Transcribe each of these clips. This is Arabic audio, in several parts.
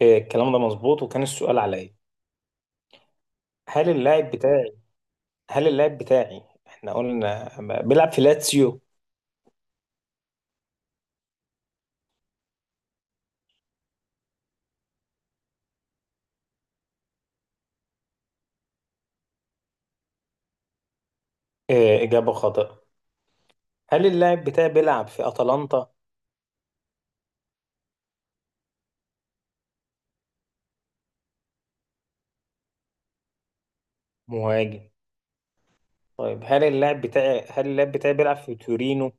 إيه، الكلام ده مظبوط وكان السؤال عليا. هل اللاعب بتاعي هل اللاعب بتاعي احنا قلنا بيلعب في لاتسيو. إيه، إجابة خاطئة. هل اللاعب بتاعي بيلعب في أتلانتا؟ مهاجم. طيب هل اللاعب بتاعي بيلعب في تورينو؟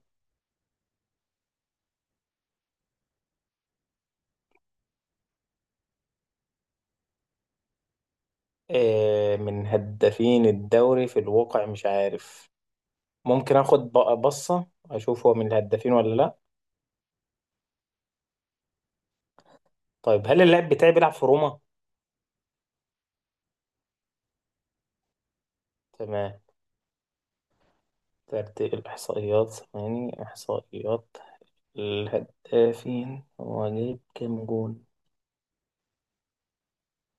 إيه، من هدافين الدوري في الواقع مش عارف. ممكن اخد بصة اشوف هو من الهدافين ولا لا. طيب هل اللاعب بتاعي بيلعب في روما؟ تمام. ترتيب الإحصائيات، ثواني إحصائيات. الهدافين، هو جايب كام جون؟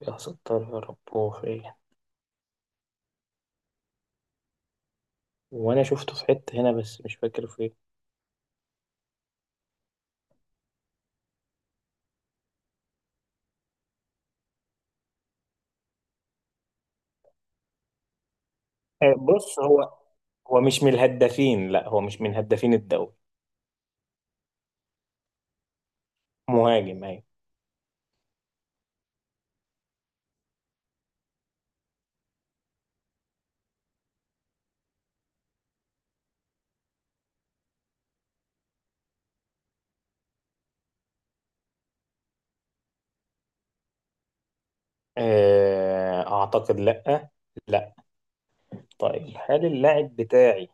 يا ستار يا رب هو فين؟ وانا شفته في حتة هنا بس مش فاكر فين. بص، هو، هو مش من الهدافين، لا هو مش من هدافين الدوري. مهاجم ايوه. اعتقد لا. لا. طيب هل اللاعب بتاعي،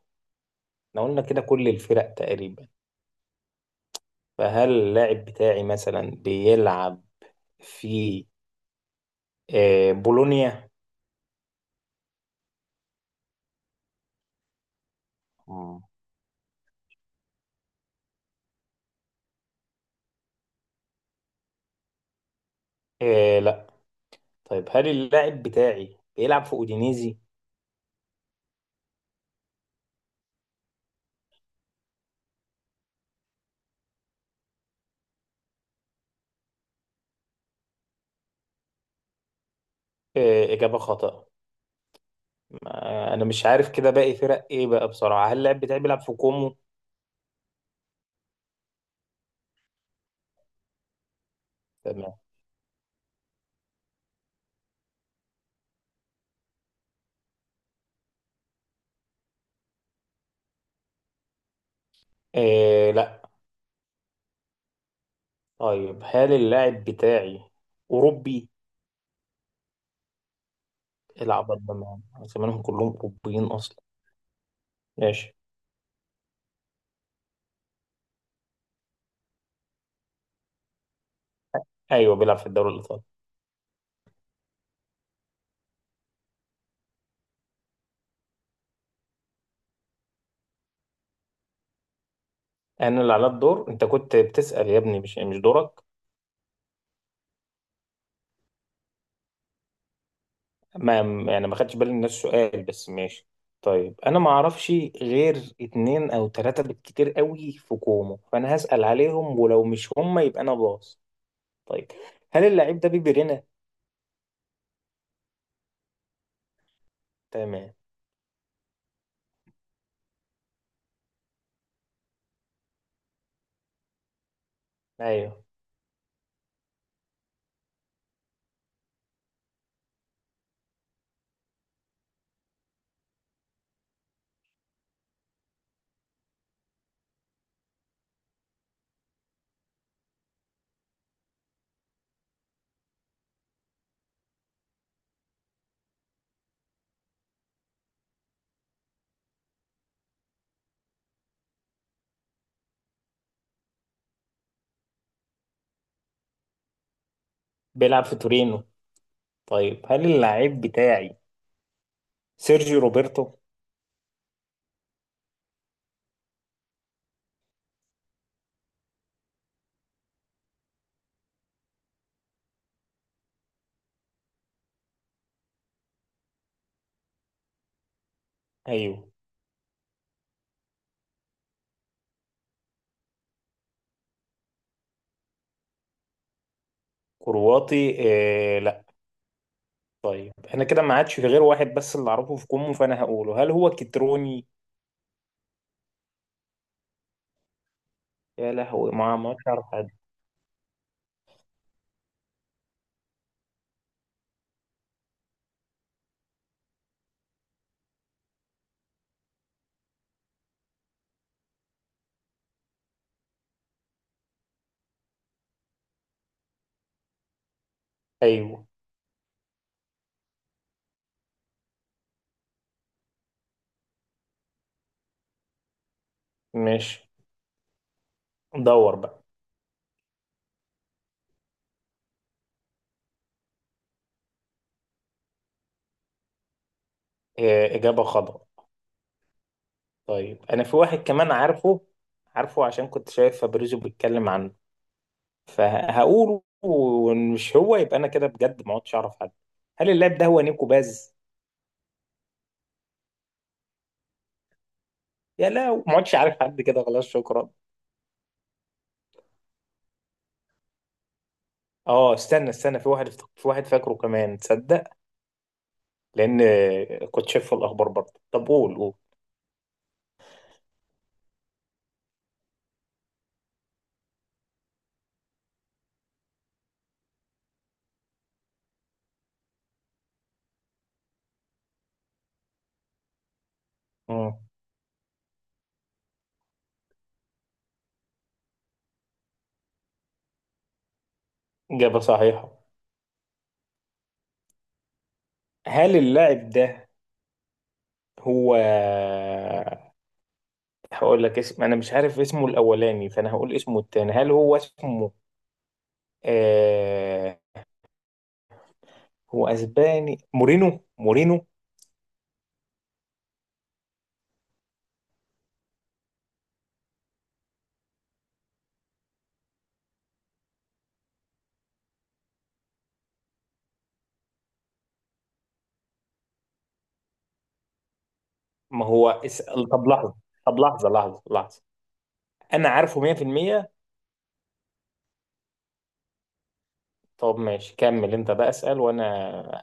احنا قلنا كده كل الفرق تقريبا، فهل اللاعب بتاعي مثلا بيلعب في بولونيا؟ مم. لا. طيب هل اللاعب بتاعي بيلعب في اودينيزي؟ إيه، إجابة خاطئة. أنا مش عارف كده باقي فرق إيه بقى بصراحة. هل اللاعب بتاعي بيلعب في كومو؟ تمام. إيه لا. طيب هل اللاعب بتاعي أوروبي؟ العب أربعة زمانهم كلهم أوروبيين أصلا. ماشي. أيوه بيلعب في الدوري الإيطالي. أنا اللي على الدور، أنت كنت بتسأل يا ابني، مش دورك. ما، يعني ما خدتش بالي من نفس السؤال بس ماشي. طيب أنا ما أعرفش غير اتنين أو تلاتة بالكتير قوي في كومو، فأنا هسأل عليهم ولو مش هما يبقى أنا باص. طيب هل اللعيب ده بيبرينا؟ تمام. ايوه بيلعب في تورينو. طيب هل اللعيب بتاعي سيرجيو روبرتو؟ ايوه كرواتي. آه لا. طيب انا كده ما عادش في غير واحد بس اللي اعرفه في كومو، فانا هقوله هل هو كتروني؟ يا لهوي، ما عادش اعرف حد. ايوه ماشي. دور بقى. آه، اجابه خاطئه. طيب انا في واحد كمان عارفه، عارفه عشان كنت شايف فابريزو بيتكلم عنه، فهقوله ومش هو يبقى انا كده بجد ما عدتش اعرف حد. هل اللاعب ده هو نيكو باز؟ يا، لا ما عدتش عارف حد كده خلاص شكرا. اه، استنى في واحد في واحد فاكره كمان تصدق. لان كنت شايف في الاخبار برضه. طب قول قول. مم. اجابه صحيحه. هل اللاعب ده هو، هقول لك اسم انا مش عارف اسمه الاولاني فانا هقول اسمه التاني. هل هو اسمه آه... هو اسباني؟ مورينو، مورينو. ما هو طب لحظة. طب لحظة. أنا عارفه 100%. طب ماشي، كمل أنت بقى اسأل وأنا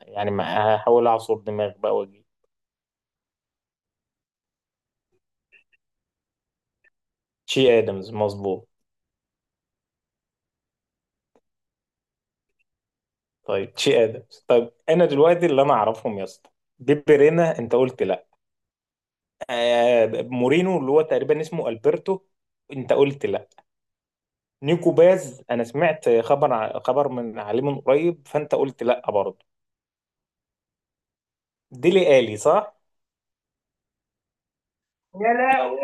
يعني ما هحاول أعصر دماغي بقى وأجيب. تشي آدمز مظبوط. طيب تشي آدمز، طيب أنا دلوقتي اللي أنا أعرفهم يا اسطى: دي بيرينا أنت قلت لأ، آه مورينو اللي هو تقريبا اسمه ألبرتو أنت قلت لأ، نيكو باز أنا سمعت خبر خبر من عليه من قريب فأنت قلت لأ برضه. ديلي آلي صح؟ يا لهوي،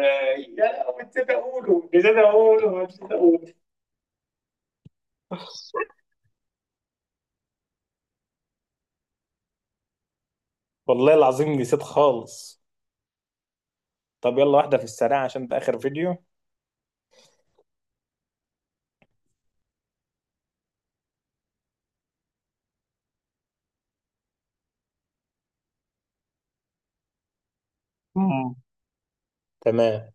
يا لهوي، نسيت اقوله نسيت اقوله نسيت اقوله. والله العظيم نسيت خالص. طب يلا واحدة في السريع عشان ده آخر فيديو. مم. تمام.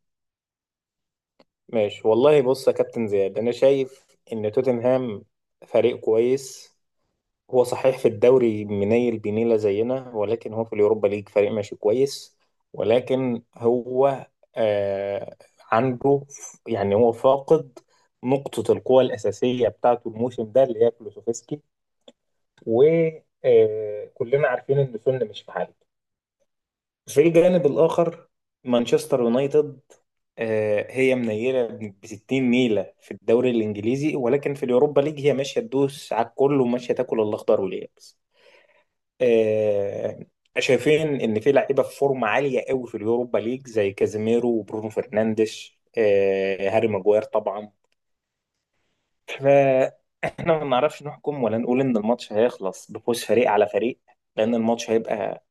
ماشي والله بص يا كابتن زياد، أنا شايف إن توتنهام فريق كويس. هو صحيح في الدوري منيل بنيلة زينا، ولكن هو في اليوروبا ليج فريق ماشي كويس. ولكن هو آه عنده يعني هو فاقد نقطة القوة الأساسية بتاعته الموسم ده اللي هي كلوسوفسكي. وكلنا عارفين إن سون مش في حاله. في الجانب الآخر، مانشستر يونايتد، هي منيلة ب 60 نيلة في الدوري الإنجليزي، ولكن في اليوروبا ليج هي ماشية تدوس على الكل وماشية تاكل الأخضر واليابس. آه، شايفين ان في لعيبه في فورمه عاليه قوي في اليوروبا ليج زي كازيميرو وبرونو فرنانديش، هاري ماجواير طبعا. فاحنا ما نعرفش نحكم ولا نقول ان الماتش هيخلص بفوز فريق على فريق، لان الماتش هيبقى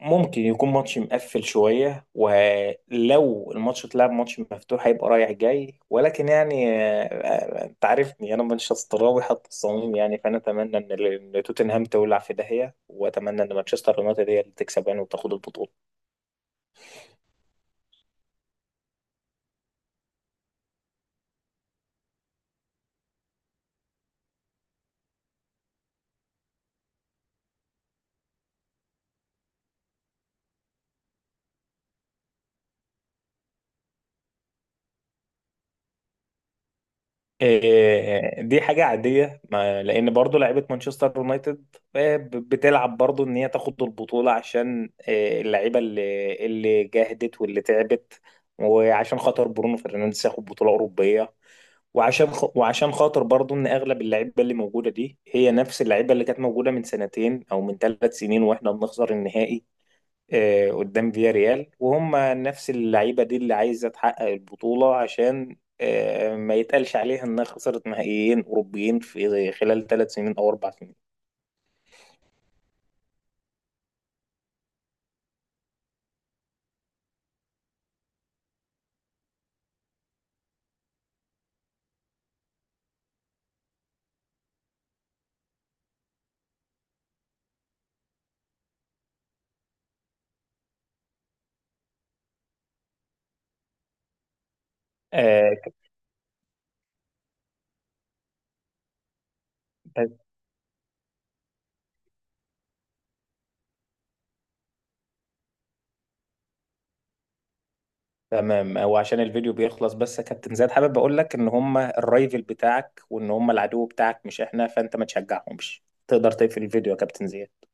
ممكن يكون ماتش مقفل شوية. ولو الماتش اتلعب ماتش مفتوح هيبقى رايح جاي. ولكن يعني، انت عارفني انا مانشستراوي حتى الصميم يعني، فانا اتمنى إن توتنهام تولع في داهية، واتمنى ان مانشستر يونايتد هي اللي تكسب يعني وتاخد البطولة. دي حاجة عادية. لان برضو لعيبة مانشستر يونايتد، بتلعب برضو ان هي تاخد البطولة، عشان اللعيبة اللي جاهدت واللي تعبت، وعشان خاطر برونو فرنانديز ياخد بطولة أوروبية، وعشان خاطر برضو ان اغلب اللعيبه اللي موجوده دي هي نفس اللعيبه اللي كانت موجوده من سنتين او من 3 سنين واحنا بنخسر النهائي. آه قدام فيا ريال، وهم نفس اللعيبه دي اللي عايزه تحقق البطوله، عشان آه ما يتقالش عليها انها خسرت نهائيين اوروبيين في خلال 3 سنين او 4 سنين. آه بس- تمام. وعشان الفيديو بيخلص، بس يا كابتن زياد حابب اقول لك ان هم الرايفل بتاعك وان هم العدو بتاعك مش احنا، فانت ما تشجعهمش. تقدر تقفل الفيديو يا كابتن زياد.